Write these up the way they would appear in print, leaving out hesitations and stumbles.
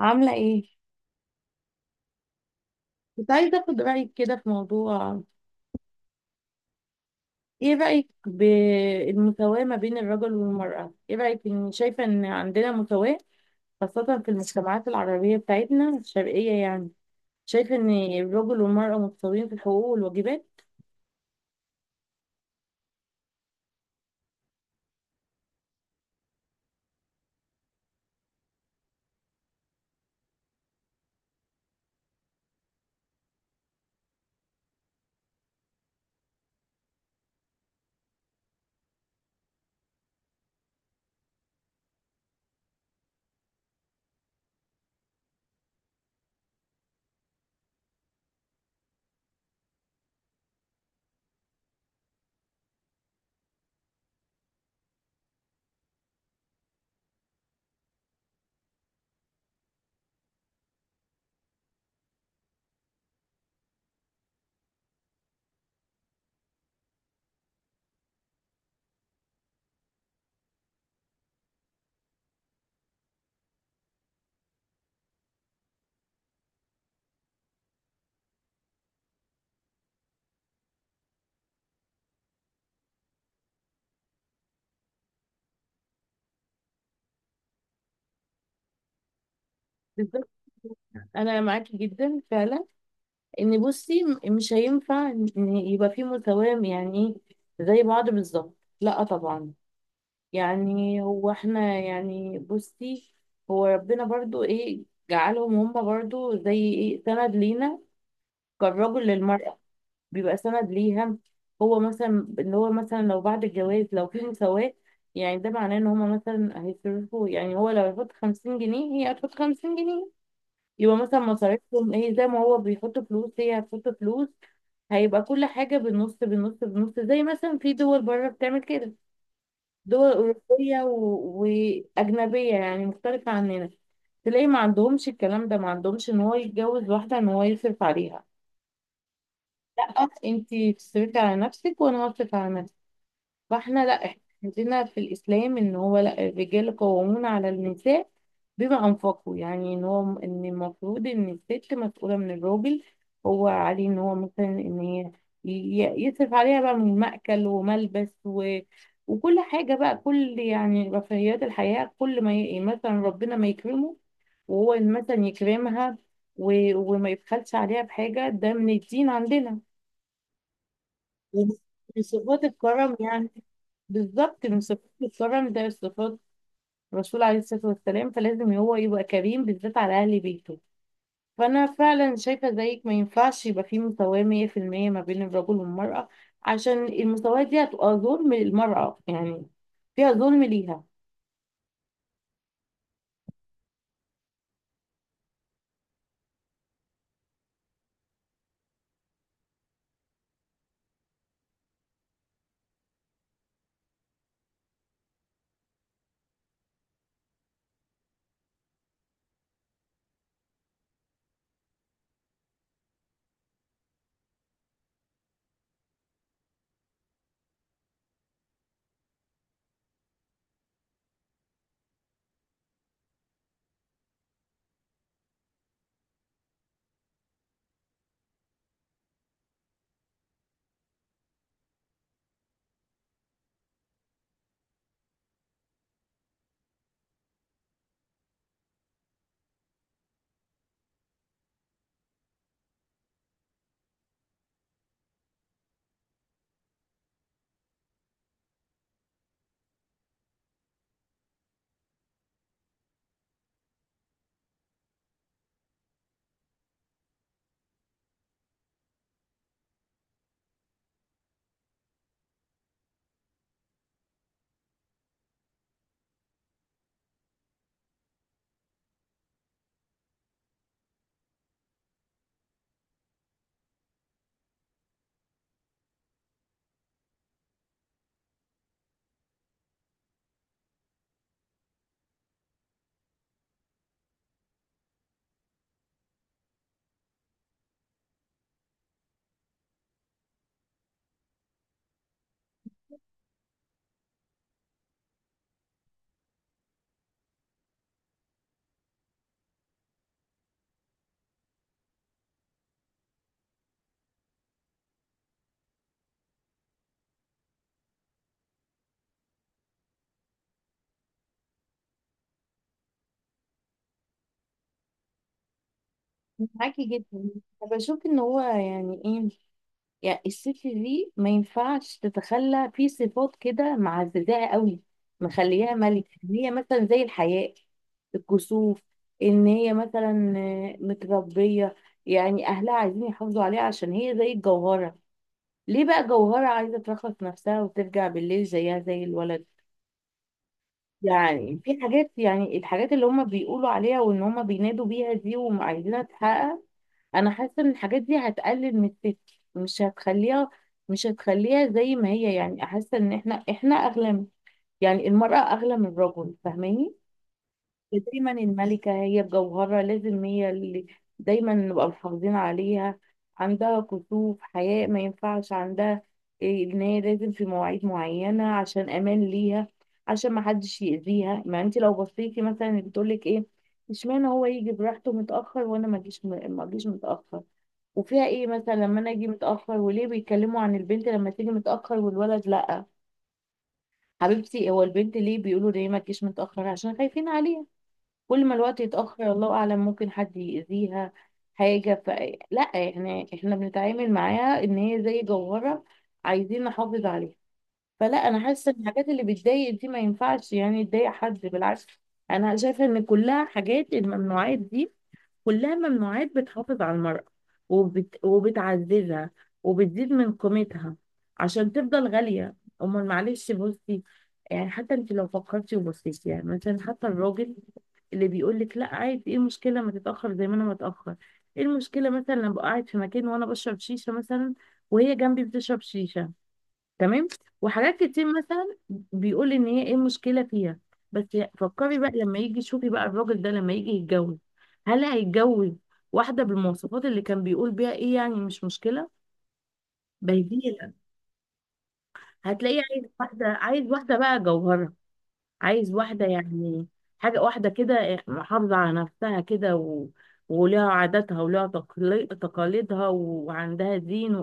عاملة ايه؟ كنت عايزة اخد رأيك كده في موضوع. ايه رأيك بالمساواة ما بين الرجل والمرأة؟ ايه رأيك ان شايفة ان عندنا مساواة، خاصة في المجتمعات العربية بتاعتنا الشرقية يعني، شايفة ان الرجل والمرأة متساويين في الحقوق والواجبات. بالظبط، انا معاكي جدا فعلا ان، بصي، مش هينفع ان يبقى في مساواة يعني ايه، زي بعض بالظبط، لا طبعا. يعني هو احنا يعني بصي، هو ربنا برضو ايه، جعلهم هم برضو زي ايه سند لينا، كالرجل للمرأة، بيبقى سند ليها. هو مثلا اللي هو مثلا، لو بعد الجواز لو في مساواة، يعني ده معناه ان هما مثلا هيصرفوا، يعني هو لو هيحط 50 جنيه هي هتحط 50 جنيه، يبقى مثلا مصاريفهم ايه، زي ما هو بيحط فلوس هي هتحط فلوس، هيبقى كل حاجة بالنص بالنص بالنص، زي مثلا في دول بره بتعمل كده، دول أوروبية وأجنبية يعني، مختلفة عننا. تلاقي ما عندهمش الكلام ده، ما عندهمش إن هو يتجوز واحدة إن هو يصرف عليها، لأ أنتي تصرفي على نفسك وأنا هصرف على نفسي. فاحنا لا، احنا عندنا في الاسلام ان هو، لا، الرجال قوامون على النساء بما انفقوا، يعني ان هو ان المفروض ان الست مسؤوله من الراجل، هو عليه ان هو مثلا، ان هي، يصرف عليها بقى من مأكل وملبس وكل حاجه بقى، كل يعني رفاهيات الحياه، كل ما مثلا ربنا ما يكرمه وهو مثلا يكرمها، وما يبخلش عليها بحاجه، ده من الدين عندنا، من صفات الكرم يعني. بالظبط، من صفات الكرم، ده صفات الرسول عليه الصلاة والسلام، فلازم هو يبقى كريم بالذات على أهل بيته. فأنا فعلا شايفة زيك، ما ينفعش يبقى في مساواة 100% ما بين الرجل والمرأة، عشان المساواة دي هتبقى ظلم للمرأة يعني، فيها ظلم ليها. معاكي جدا. أنا بشوف إن هو يعني إيه، يعني الست دي ما ينفعش تتخلى في صفات كده معززاها قوي، مخليها ملك، ان هي مثلا زي الحياء، الكسوف، ان هي مثلا متربيه، يعني اهلها عايزين يحافظوا عليها عشان هي زي الجوهره. ليه بقى جوهره عايزه ترخص نفسها وترجع بالليل زيها زي الولد؟ يعني في حاجات، يعني الحاجات اللي هم بيقولوا عليها وان هم بينادوا بيها دي وعايزينها تتحقق، انا حاسه ان الحاجات دي هتقلل من الست، مش هتخليها مش هتخليها زي ما هي. يعني حاسه ان احنا اغلى يعني المراه اغلى من الرجل، فاهماني؟ دايما الملكه هي بجوهرها، لازم هي اللي دايما نبقى محافظين عليها، عندها كسوف، حياء، ما ينفعش عندها ان هي لازم في مواعيد معينه عشان امان ليها، عشان ما حدش يأذيها. ما انت لو بصيتي مثلا بتقولك ايه، اشمعنى هو يجي براحته متأخر وانا ما اجيش متأخر، وفيها ايه مثلا لما انا اجي متاخر، وليه بيتكلموا عن البنت لما تيجي متاخر والولد لا؟ حبيبتي، هو البنت ليه بيقولوا ليه ما تجيش متاخر؟ عشان خايفين عليها، كل ما الوقت يتاخر الله اعلم ممكن حد يأذيها حاجه. لا يعني احنا بنتعامل معاها ان هي زي جوهره، عايزين نحافظ عليها. فلا، انا حاسه ان الحاجات اللي بتضايق دي ما ينفعش يعني تضايق حد، بالعكس، انا شايفه ان كلها حاجات، الممنوعات دي كلها ممنوعات بتحافظ على المرأة، وبتعززها وبتزيد من قيمتها عشان تفضل غالية. أمال معلش، بصي، يعني حتى انت لو فكرتي وبصيتي يعني، مثلا حتى الراجل اللي بيقول لك لا عادي ايه المشكلة ما تتأخر زي ما انا متأخر، ايه المشكلة مثلا لما ابقى قاعد في مكان وانا بشرب شيشة مثلا وهي جنبي بتشرب شيشة، تمام، وحاجات كتير مثلا بيقول ان هي ايه المشكله فيها، بس فكري بقى لما يجي، شوفي بقى الراجل ده لما يجي يتجوز، هل هيتجوز واحده بالمواصفات اللي كان بيقول بيها ايه يعني مش مشكله؟ بديهي هتلاقيه عايز واحده، عايز واحده بقى جوهره، عايز واحده يعني، حاجه واحده كده محافظه على نفسها كده، ولها عاداتها ولها تقاليدها وعندها دين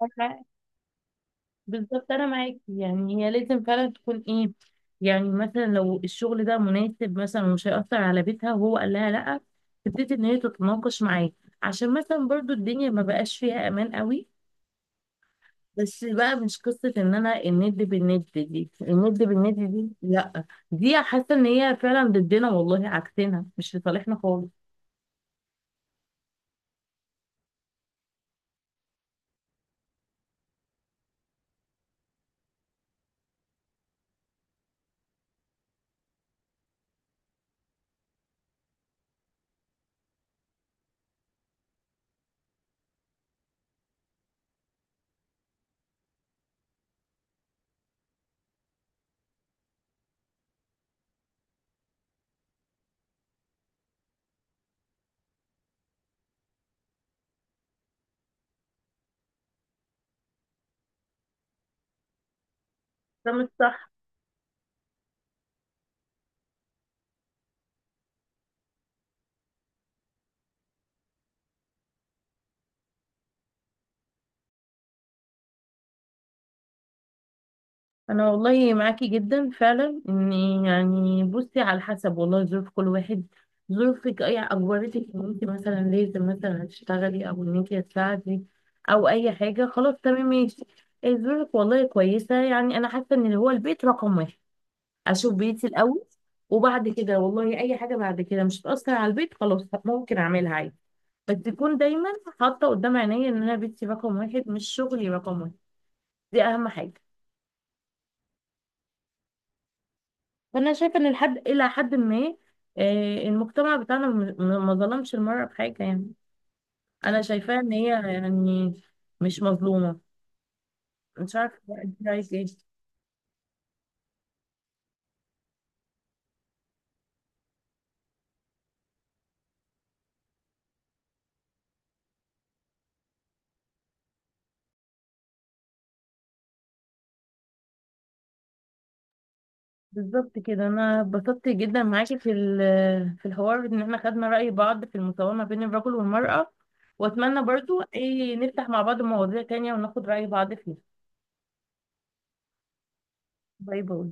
واخلاق. بالظبط، انا معاكي، يعني هي لازم فعلا تكون ايه، يعني مثلا لو الشغل ده مناسب مثلا ومش هيأثر على بيتها وهو قال لها لا، تبتدي ان هي تتناقش معاه، عشان مثلا برضو الدنيا ما بقاش فيها امان قوي، بس بقى مش قصة ان انا الند بالند، دي الند بالند دي لا، دي حاسة ان هي فعلا ضدنا والله، عكسنا مش لصالحنا خالص. ده مش صح. انا والله معاكي جدا فعلا ان، يعني بصي، على حسب والله ظروف كل واحد، ظروفك اي اجبرتك ان انت مثلا لازم مثلا تشتغلي او ان انت تساعدي او اي حاجه، خلاص تمام ماشي. إيه، ظروفك والله كويسه، يعني انا حاسه ان هو البيت رقم واحد، اشوف بيتي الاول وبعد كده والله اي حاجه بعد كده مش هتاثر على البيت، خلاص ممكن اعملها عادي، بس تكون دايما حاطه قدام عينيا ان انا بيتي رقم واحد مش شغلي رقم واحد، دي اهم حاجه. فانا شايفه ان لحد، الى حد ما، المجتمع بتاعنا ما ظلمش المرأة بحاجة يعني، انا شايفاها ان هي يعني مش مظلومة. مش عارفة بقى انت رايك ايه. بالظبط كده، انا اتبسطت جدا معاكي في في الحوار ان احنا خدنا رأي بعض في المساواة ما بين الرجل والمرأة، واتمنى برضو ايه نفتح مع بعض مواضيع تانية وناخد رأي بعض فيها. باي باي.